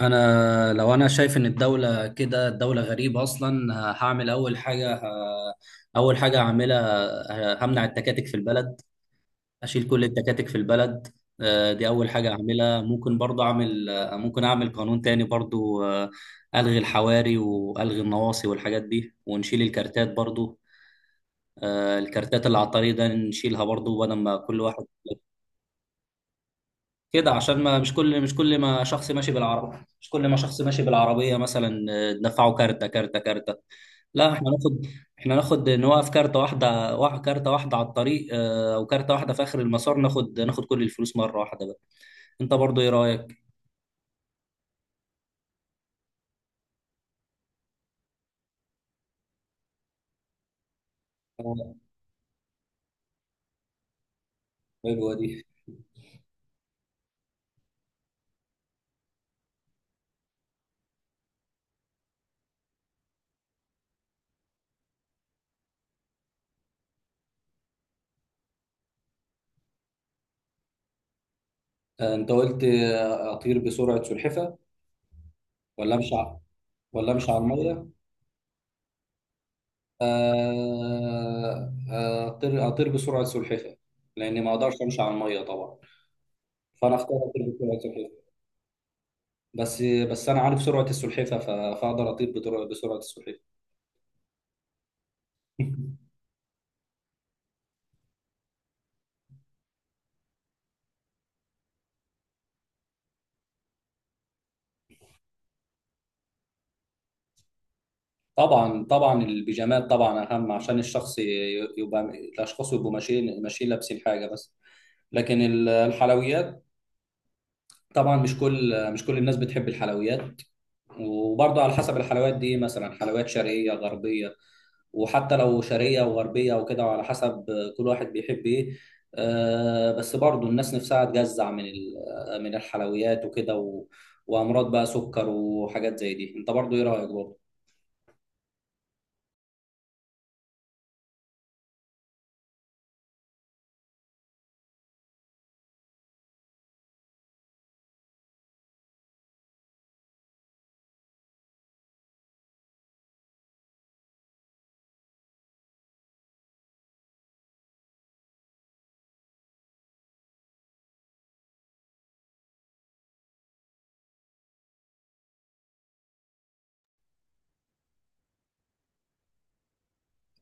انا لو انا شايف ان الدوله غريبه اصلا، هعمل اول حاجه. اول حاجه هعملها، همنع التكاتك في البلد. اشيل كل التكاتك في البلد. دي اول حاجه اعملها. ممكن برضه اعمل آه، ممكن اعمل قانون تاني برضه. الغي الحواري والغي النواصي والحاجات دي، ونشيل الكارتات برضه. الكارتات اللي على الطريق ده نشيلها برضه، بدل ما كل واحد كده. عشان ما مش كل ما شخص ماشي بالعربية مثلا، ندفعه كارتة كارتة كارتة. لا احنا ناخد، نوقف كارتة واحدة على الطريق، او كارتة واحدة في اخر المسار. ناخد كل الفلوس مرة واحدة بقى. انت برضو ايه رأيك؟ آه، حلوة دي. أنت قلت أطير بسرعة سلحفة ولا أمشي ع- ولا أمشي على المية؟ أطير بسرعة سلحفة، لأني ما أقدرش أمشي على المية طبعا، فأنا أختار أطير بسرعة سلحفة. بس بس انا عارف سرعه السلحفه، فاقدر اطير بسرعه السلحفه. طبعا البيجامات طبعا اهم، عشان الشخص يبقى الاشخاص يبقوا ماشيين ماشيين لابسين حاجه بس. لكن الحلويات، طبعا مش كل الناس بتحب الحلويات. وبرضه على حسب الحلويات دي، مثلا حلويات شرقيه غربيه، وحتى لو شرقية وغربية وكده، وعلى حسب كل واحد بيحب ايه. بس برضو الناس نفسها تجزع من الحلويات وكده، وامراض بقى سكر وحاجات زي دي. انت برضو ايه رأيك برضو؟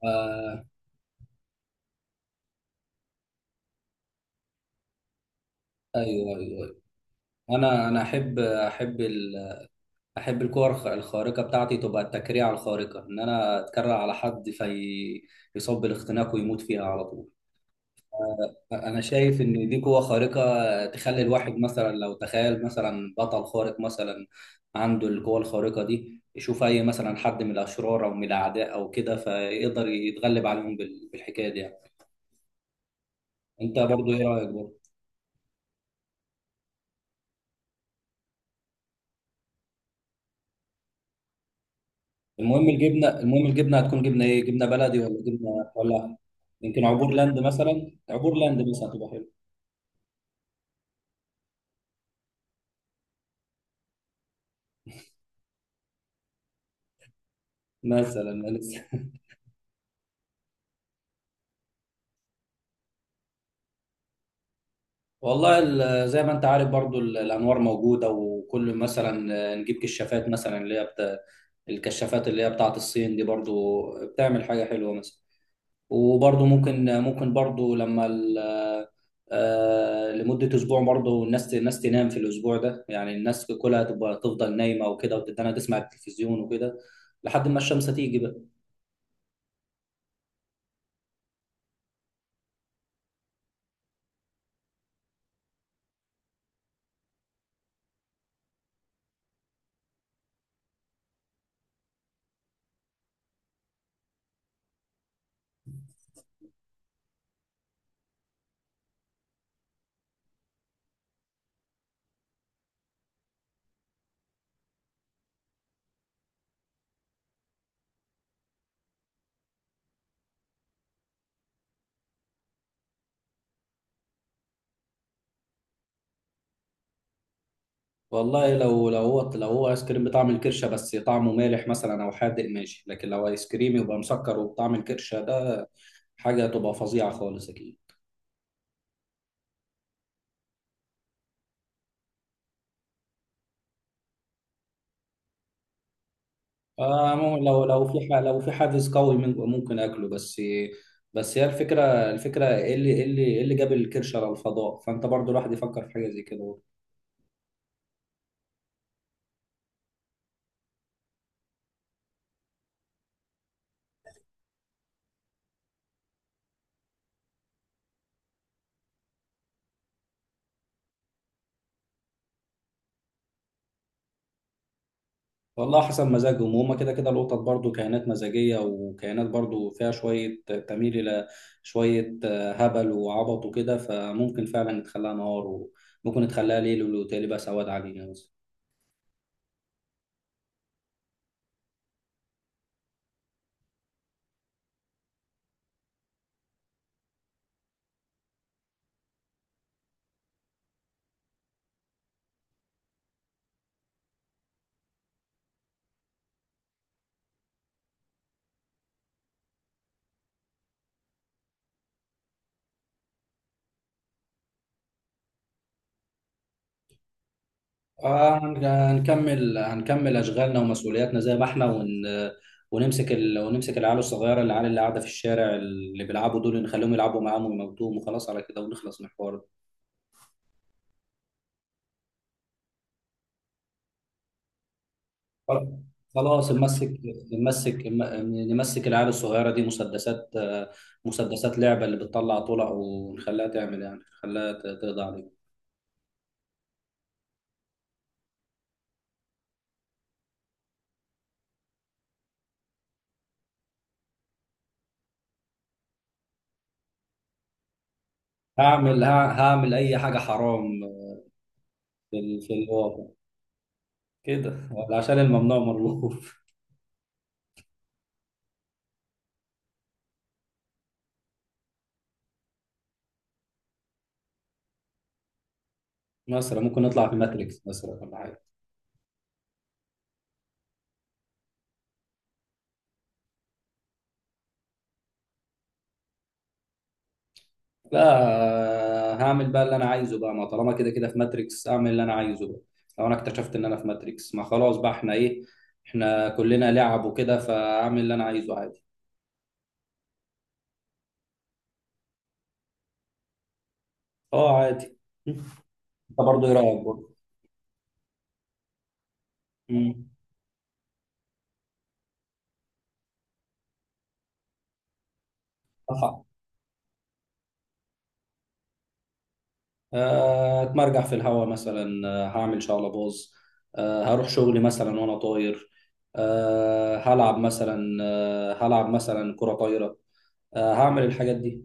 آه، ايوه، ايوه، أيوة. انا احب الكور الخارقه، بتاعتي تبقى التكريع الخارقه، ان انا اتكرع على حد في، يصاب بالاختناق ويموت فيها على طول. انا شايف ان دي قوة خارقة، تخلي الواحد مثلا لو تخيل مثلا بطل خارق مثلا عنده القوة الخارقة دي، يشوف اي مثلا حد من الاشرار او من الاعداء او كده، فيقدر يتغلب عليهم بالحكاية دي يعني. انت برضو ايه رأيك برضو؟ المهم الجبنة هتكون جبنة ايه؟ جبنة بلدي ولا جبنة ولا؟ يمكن عبور لاند مثلا، تبقى حلو مثلا. لسه؟ والله، زي ما انت عارف برضو، الانوار موجودة، وكل مثلا نجيب كشافات مثلا، اللي هي الكشافات اللي هي بتاعت الصين دي برضو، بتعمل حاجة حلوة مثلا. وبرضو ممكن برضو لما ال- آه، لمدة أسبوع، برضو الناس تنام في الأسبوع ده. يعني الناس كلها تبقى تفضل نايمة وكده، وتتنى تسمع التلفزيون وكده، لحد ما الشمس تيجي بقى. والله لو لو هو لو هو ايس كريم بطعم الكرشه بس طعمه مالح مثلا او حادق، ماشي. لكن لو ايس كريم يبقى مسكر وبطعم الكرشه ده، حاجه تبقى فظيعه خالص اكيد. لو في حافز قوي ممكن اكله، بس. بس هي الفكره، الفكره ايه اللي جاب الكرش على الفضاء؟ فانت برضو، الواحد يفكر في حاجه زي كده برضه. والله حسب مزاجهم، وهم كده كده القطط برضو كائنات مزاجيه، وكائنات برضو فيها شويه تميل الى شويه هبل وعبط وكده، فممكن فعلا نتخلاها نهار، وممكن نتخلاها ليل، والتالي بقى سواد علينا. هنكمل اشغالنا ومسؤولياتنا زي ما احنا، ونمسك العيال الصغيره، العيال اللي قاعده في الشارع اللي بيلعبوا دول، نخليهم يلعبوا معاهم ويموتوهم، وخلاص على كده ونخلص من الحوار ده. خلاص، نمسك نمسك العيال الصغيره دي مسدسات، لعبه اللي بتطلع طلق، ونخليها تعمل يعني، نخليها تقضي عليهم. هعمل اي حاجه حرام في الواقع، كده عشان الممنوع مرغوب. مثلا ممكن نطلع في ماتريكس مثلا ولا حاجه. لا، هعمل بقى اللي انا عايزه بقى، ما طالما كده كده في ماتريكس، اعمل اللي انا عايزه بقى. لو انا اكتشفت ان انا في ماتريكس، ما خلاص بقى، احنا ايه؟ احنا كلنا لعب وكده، فاعمل اللي انا عايزه عادي. اه، عادي. م. انت برضه ايه رايك برضه؟ مم. أح- اتمرجح في الهوا مثلا. هعمل شقلباز. هروح شغلي مثلا وانا طاير. هلعب مثلا كرة طايرة. هعمل الحاجات دي.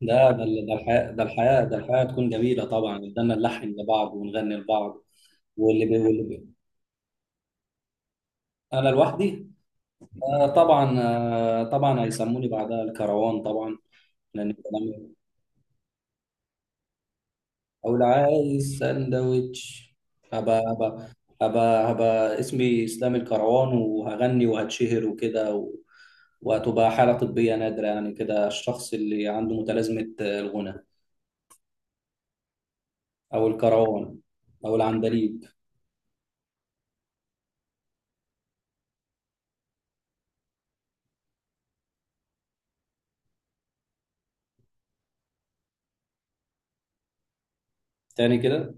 لا، ده ده الحياة تكون جميلة طبعا، قدرنا نلحن لبعض ونغني لبعض. واللي بي واللي بي أنا لوحدي. طبعا هيسموني بعدها الكروان طبعا، لأن كلامي، أو لو عايز سندوتش، هبقى هبقى هبقى اسمي إسلام الكروان، وهغني وهتشهر وكده، وهتبقى حالة طبية نادرة يعني كده، الشخص اللي عنده متلازمة الغنى، أو الكروان، أو العندليب. تاني كده؟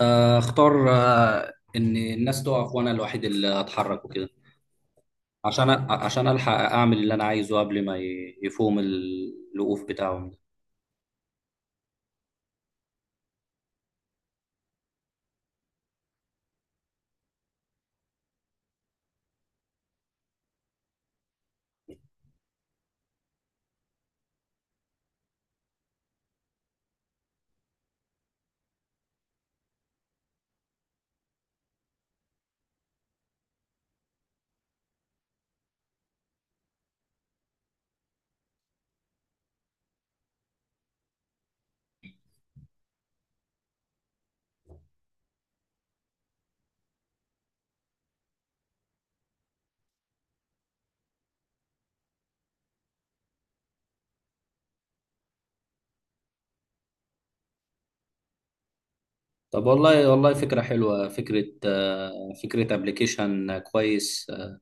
اختار ان الناس تقف وانا الوحيد اللي اتحرك وكده، عشان الحق اعمل اللي انا عايزه قبل ما يفوهم الوقوف بتاعهم ده. طب والله، فكرة حلوة، فكرة ابلكيشن كويس.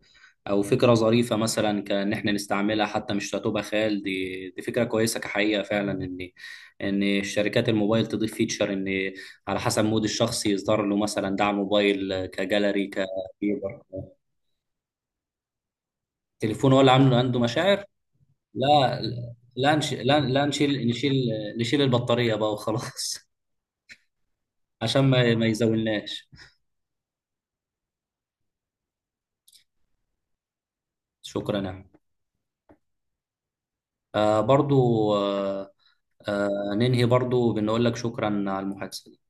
او فكرة ظريفة مثلا، كان احنا نستعملها، حتى مش هتبقى خيال، دي فكرة كويسة كحقيقة فعلا، ان شركات الموبايل تضيف فيتشر، ان على حسب مود الشخص يصدر له مثلا دعم موبايل كجاليري كفيبر. التليفون هو اللي عامله عنده مشاعر، لا لا نش... لا لا نشيل نشيل نشيل البطارية بقى وخلاص، عشان ما يزولناش. شكرا يعني. آه برضو. آه ننهي برضو بنقول لك شكرا على المحادثة.